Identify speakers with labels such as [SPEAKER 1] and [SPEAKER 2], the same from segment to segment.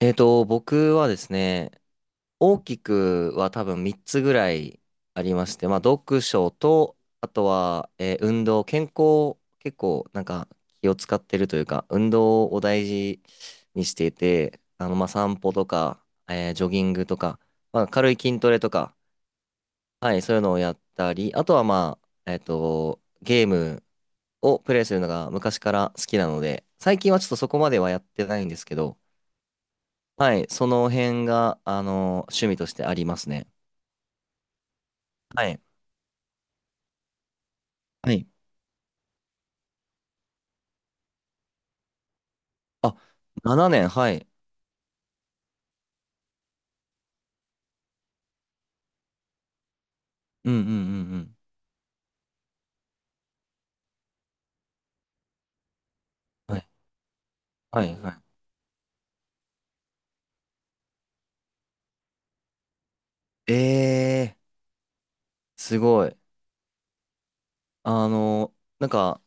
[SPEAKER 1] 僕はですね、大きくは多分3つぐらいありまして、読書と、あとは、運動、健康、結構なんか気を使ってるというか、運動を大事にしていて、散歩とか、ジョギングとか、軽い筋トレとか、はい、そういうのをやったり、あとはまあ、えっと、ゲームをプレイするのが昔から好きなので、最近はちょっとそこまではやってないんですけど、はい、その辺が、趣味としてありますね。はい。はい。あ、7年、はい。うんうんうんうん。はい。はい。はい。ええー、すごい。あの、なんか、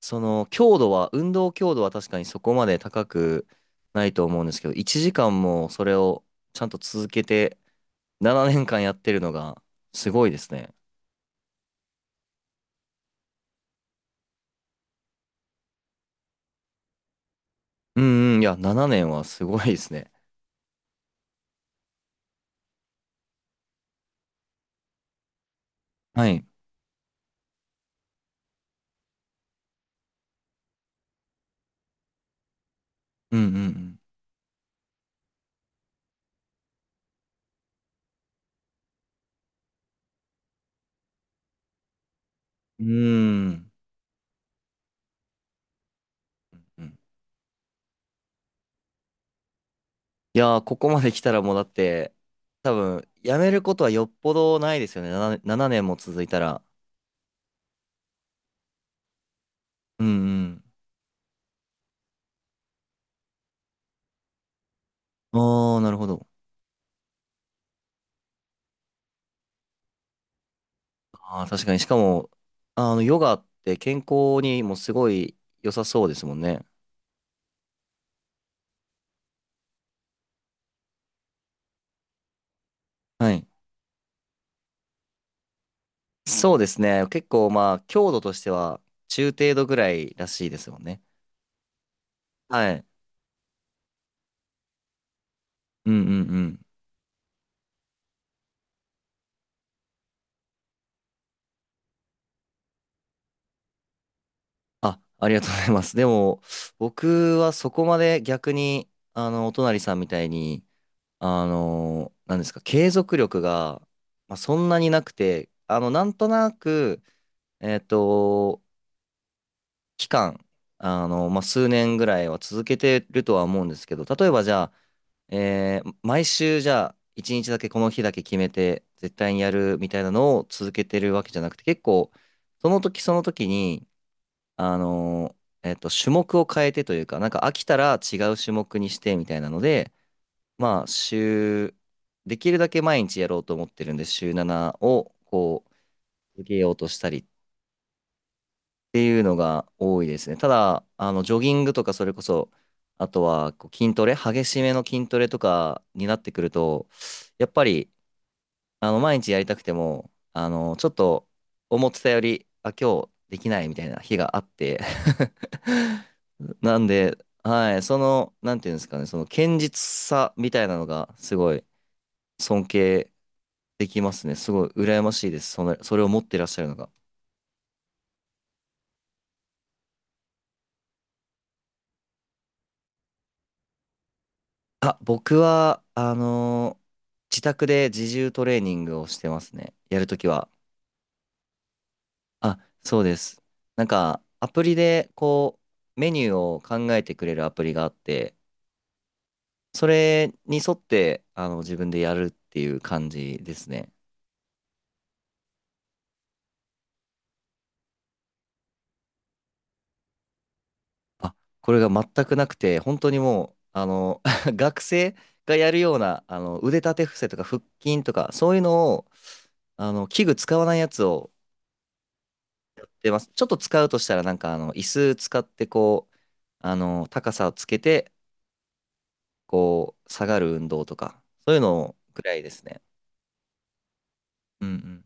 [SPEAKER 1] 強度は、運動強度は確かにそこまで高くないと思うんですけど、1時間もそれをちゃんと続けて、7年間やってるのが、すごいですね。うんうん、いや、7年はすごいですね。はい。うんうんうん。うーん。うん。いやー、ここまで来たらもうだって、多分、やめることはよっぽどないですよね。7年も続いたら。うんうん。ああ、なるほど。ああ、確かに。しかも、ヨガって健康にもすごい良さそうですもんね。はい。そうですね。結構まあ、強度としては中程度ぐらいらしいですもんね。はい。うんうんうん。あ、ありがとうございます。でも、僕はそこまで逆に、お隣さんみたいに、なんですか、継続力が、まあ、そんなになくて、なんとなく、えっと、期間、数年ぐらいは続けてるとは思うんですけど、例えばじゃあ、毎週じゃあ、一日だけこの日だけ決めて、絶対にやるみたいなのを続けてるわけじゃなくて、結構、その時その時に、あの種目を変えてというか、なんか飽きたら違う種目にしてみたいなので、まあ、週、できるだけ毎日やろうと思ってるんで、週7をこう、続けようとしたりっていうのが多いですね。ただ、ジョギングとか、それこそ、あとはこう筋トレ、激しめの筋トレとかになってくると、やっぱり、毎日やりたくても、ちょっと思ってたより、あ、今日できないみたいな日があって なんで、はい、その、なんていうんですかね、その堅実さみたいなのがすごい尊敬できますね。すごい羨ましいです。その、それを持ってらっしゃるのが。あ、僕は、自宅で自重トレーニングをしてますね。やるときは。あ、そうです。アプリで、メニューを考えてくれるアプリがあって、それに沿って、自分でやるっていう感じですね。あ、これが全くなくて、本当にもう、学生がやるような、腕立て伏せとか腹筋とか、そういうのを、器具使わないやつを出ます。ちょっと使うとしたら、椅子使って、高さをつけて、こう、下がる運動とか、そういうのぐらいですね。うんうん。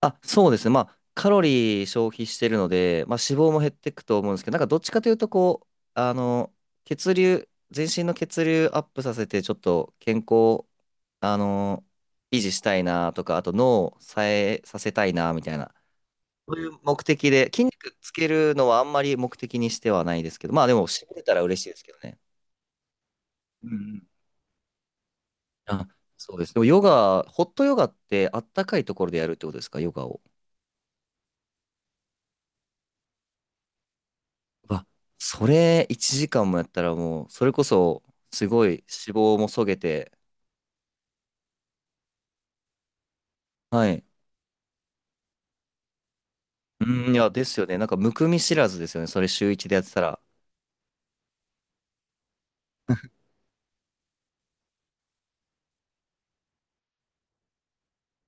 [SPEAKER 1] あ、そうですね。まあ、カロリー消費してるので、まあ、脂肪も減っていくと思うんですけど、なんか、どっちかというと、あの、血流、全身の血流アップさせて、ちょっと健康、あの、維持したいなとか、あと脳を冴えさせたいなみたいなそういう目的で、筋肉つけるのはあんまり目的にしてはないですけど、まあでも、しびれたら嬉しいですけどね。うんうん。あ、そうです。でも、ヨガ、ホットヨガってあったかいところでやるってことですか、ヨガを。うわ、それ1時間もやったらもう、それこそ、すごい脂肪もそげて、はい。うん、いや、ですよね。なんか、むくみ知らずですよね。それ週1でやってたら。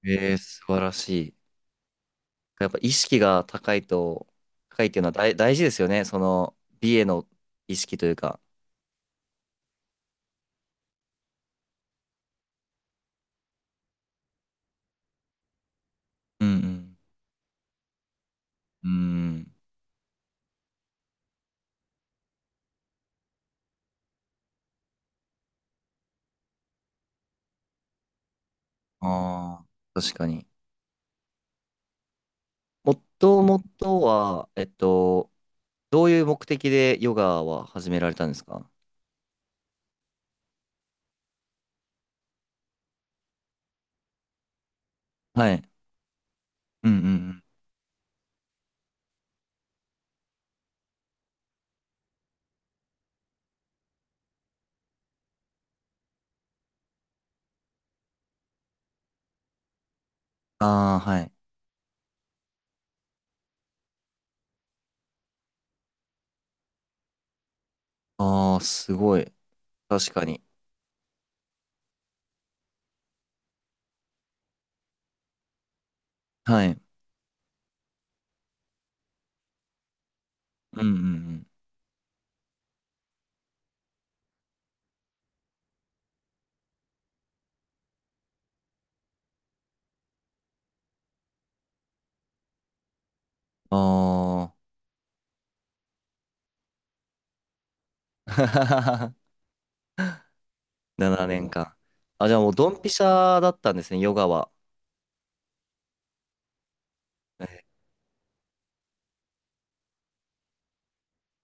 [SPEAKER 1] えー素晴らしい。やっぱ意識が高いと、高いっていうのは大、大事ですよね。その、美への意識というか。うんうん。うん。ああ、確かに。もともとは、どういう目的でヨガは始められたんですか？はい。うんうんうん。ああ、はい。ああ、すごい。確かに。はい。うんうんうん。ああ。7年間。あ、じゃあもうドンピシャだったんですね、ヨガは。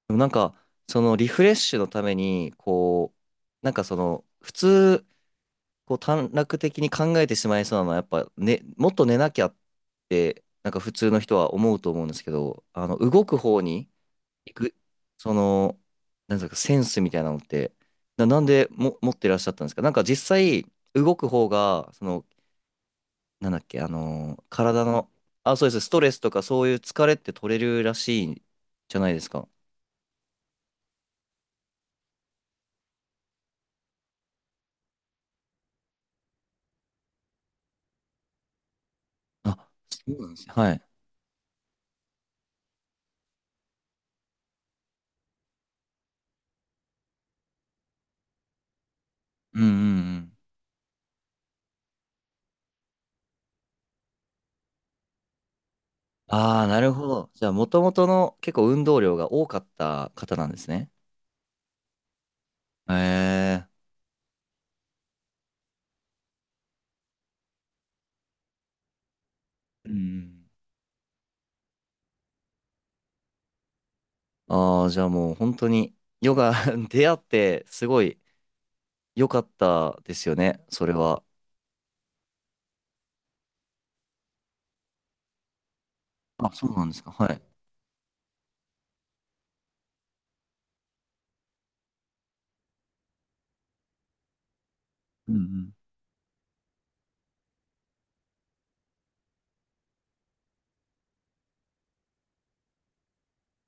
[SPEAKER 1] でもなんか、そのリフレッシュのために、なんかその、普通、こう短絡的に考えてしまいそうなのは、やっぱ、ね、もっと寝なきゃって、なんか普通の人は思うと思うんですけど、動く方に行く、その、なんですか、センスみたいなのって、なんでも持ってらっしゃったんですか？なんか実際、動く方が、その、なんだっけ、あの体の、あ、そうです、ストレスとかそういう疲れって取れるらしいじゃないですか。あ、そうなんですね。はい。うんうん。ああ、なるほど。じゃあ、もともとの結構運動量が多かった方なんですね。へえ。うん。ああ、じゃあもう本当に、ヨガ 出会って、すごい良かったですよね。それは。あ、そうなんですか。はい。うんうん。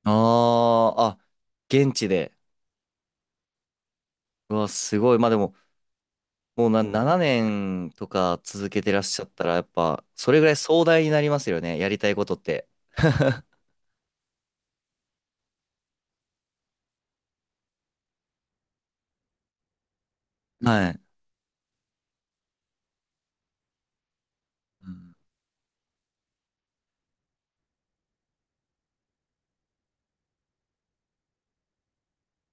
[SPEAKER 1] ああ、あ、現地で。うわ、すごい。まあでも、もうな、7年とか続けてらっしゃったら、やっぱ、それぐらい壮大になりますよね。やりたいことって。はい。うん